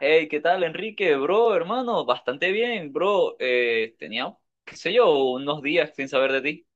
Hey, ¿qué tal, Enrique? Bro, hermano, bastante bien, bro. Tenía, qué sé yo, unos días sin saber de ti.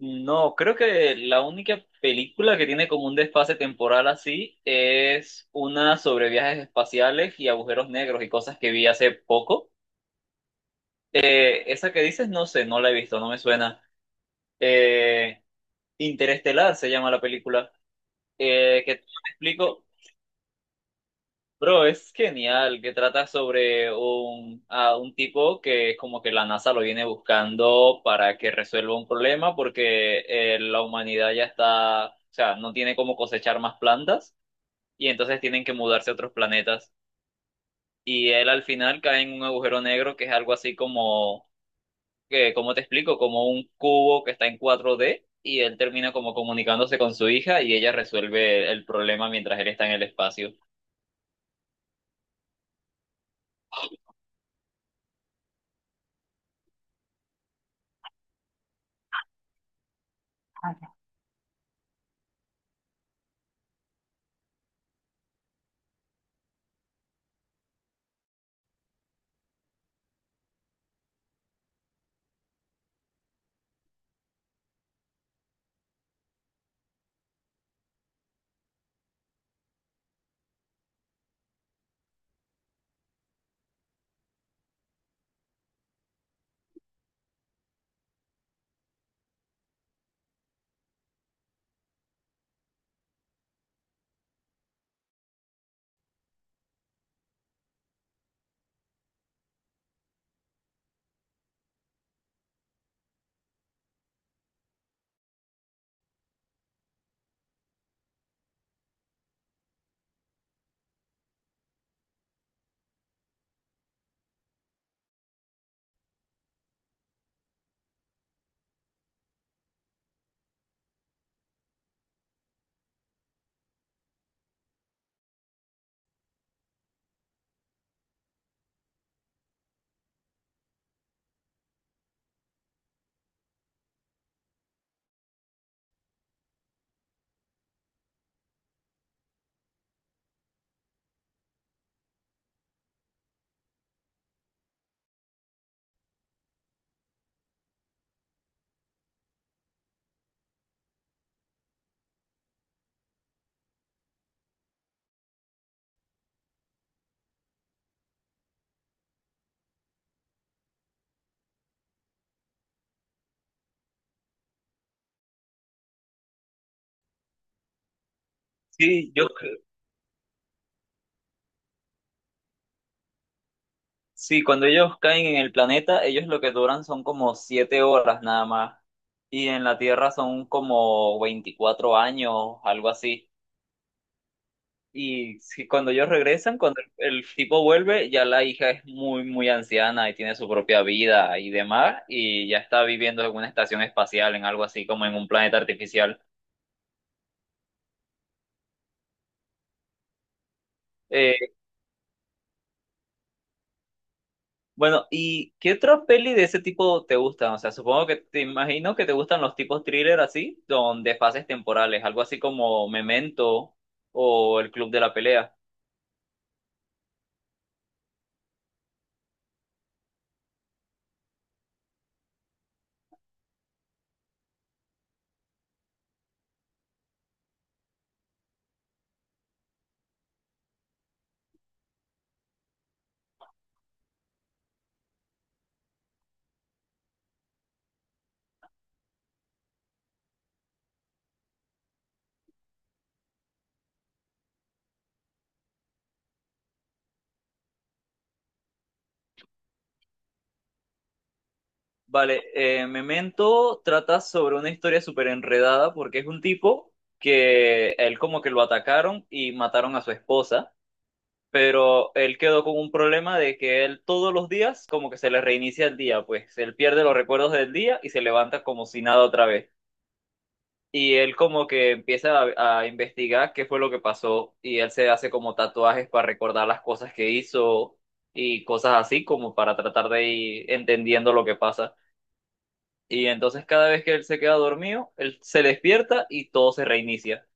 No, creo que la única película que tiene como un desfase temporal así es una sobre viajes espaciales y agujeros negros y cosas que vi hace poco. Esa que dices, no sé, no la he visto, no me suena. Eh, Interestelar se llama la película. Que te explico. Bro, es genial, que trata sobre un tipo que es como que la NASA lo viene buscando para que resuelva un problema porque la humanidad ya está, o sea, no tiene cómo cosechar más plantas, y entonces tienen que mudarse a otros planetas. Y él al final cae en un agujero negro que es algo así como, que, ¿cómo te explico? Como un cubo que está en 4D, y él termina como comunicándose con su hija y ella resuelve el problema mientras él está en el espacio. Sí, yo. Sí, cuando ellos caen en el planeta, ellos lo que duran son como 7 horas nada más. Y en la Tierra son como 24 años, algo así. Cuando ellos regresan, cuando el tipo vuelve, ya la hija es muy, muy anciana y tiene su propia vida y demás, y ya está viviendo en una estación espacial, en algo así como en un planeta artificial. Eh, Bueno, ¿y qué otra peli de ese tipo te gustan? O sea, supongo que te, imagino que te gustan los tipos thriller, así, donde fases temporales, algo así como Memento o El Club de la Pelea. Vale, Memento trata sobre una historia súper enredada porque es un tipo que él como que lo atacaron y mataron a su esposa, pero él quedó con un problema de que él todos los días como que se le reinicia el día, pues él pierde los recuerdos del día y se levanta como si nada otra vez. Y él como que empieza a investigar qué fue lo que pasó, y él se hace como tatuajes para recordar las cosas que hizo y cosas así, como para tratar de ir entendiendo lo que pasa. Y entonces cada vez que él se queda dormido, él se despierta y todo se reinicia.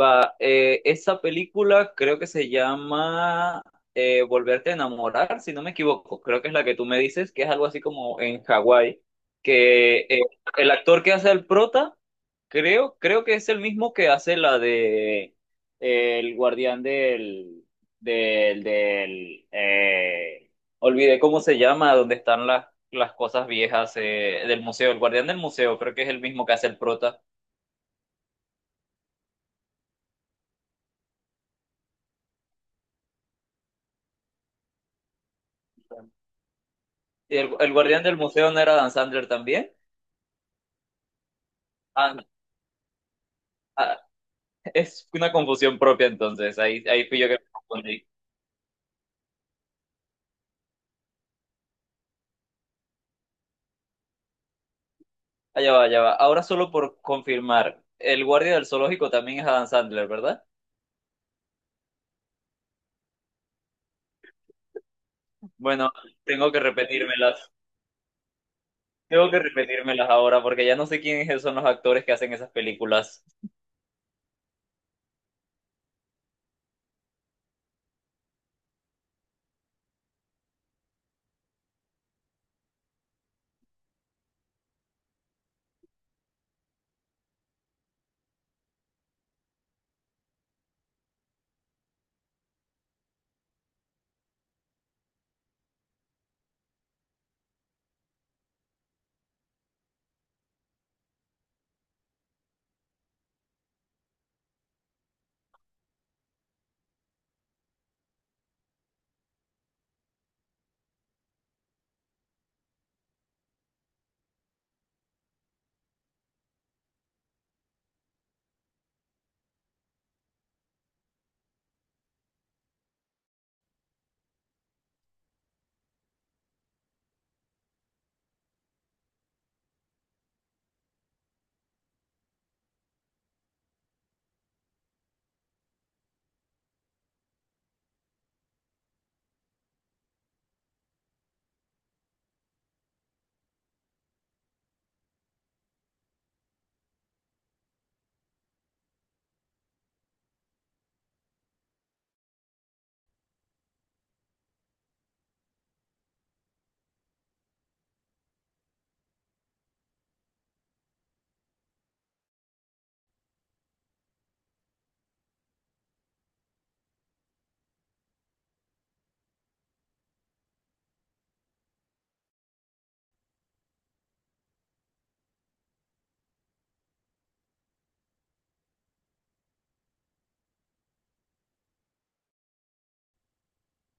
Va, esa película creo que se llama Volverte a Enamorar, si no me equivoco. Creo que es la que tú me dices, que es algo así como en Hawái, que el actor que hace el prota, creo que es el mismo que hace la de el guardián del olvidé cómo se llama, donde están las cosas viejas, del museo, el guardián del museo, creo que es el mismo que hace el prota. ¿Y el guardián del museo no era Dan Sandler también? Ah, no, ah, es una confusión propia entonces, ahí fui yo que me confundí. Allá va, allá va. Ahora solo por confirmar, el guardia del zoológico también es Adam Sandler, ¿verdad? Bueno, tengo que repetírmelas. Tengo que repetírmelas ahora porque ya no sé quiénes son los actores que hacen esas películas.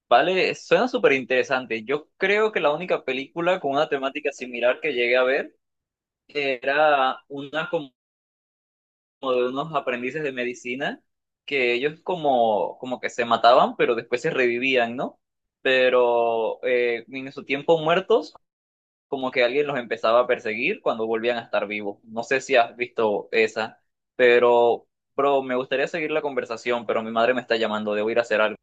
Vale, suena súper interesante. Yo creo que la única película con una temática similar que llegué a ver era una como de unos aprendices de medicina que ellos como, como que se mataban, pero después se revivían, ¿no? Pero en su tiempo muertos, como que alguien los empezaba a perseguir cuando volvían a estar vivos. No sé si has visto esa, pero, bro, me gustaría seguir la conversación, pero mi madre me está llamando, debo ir a hacer algo.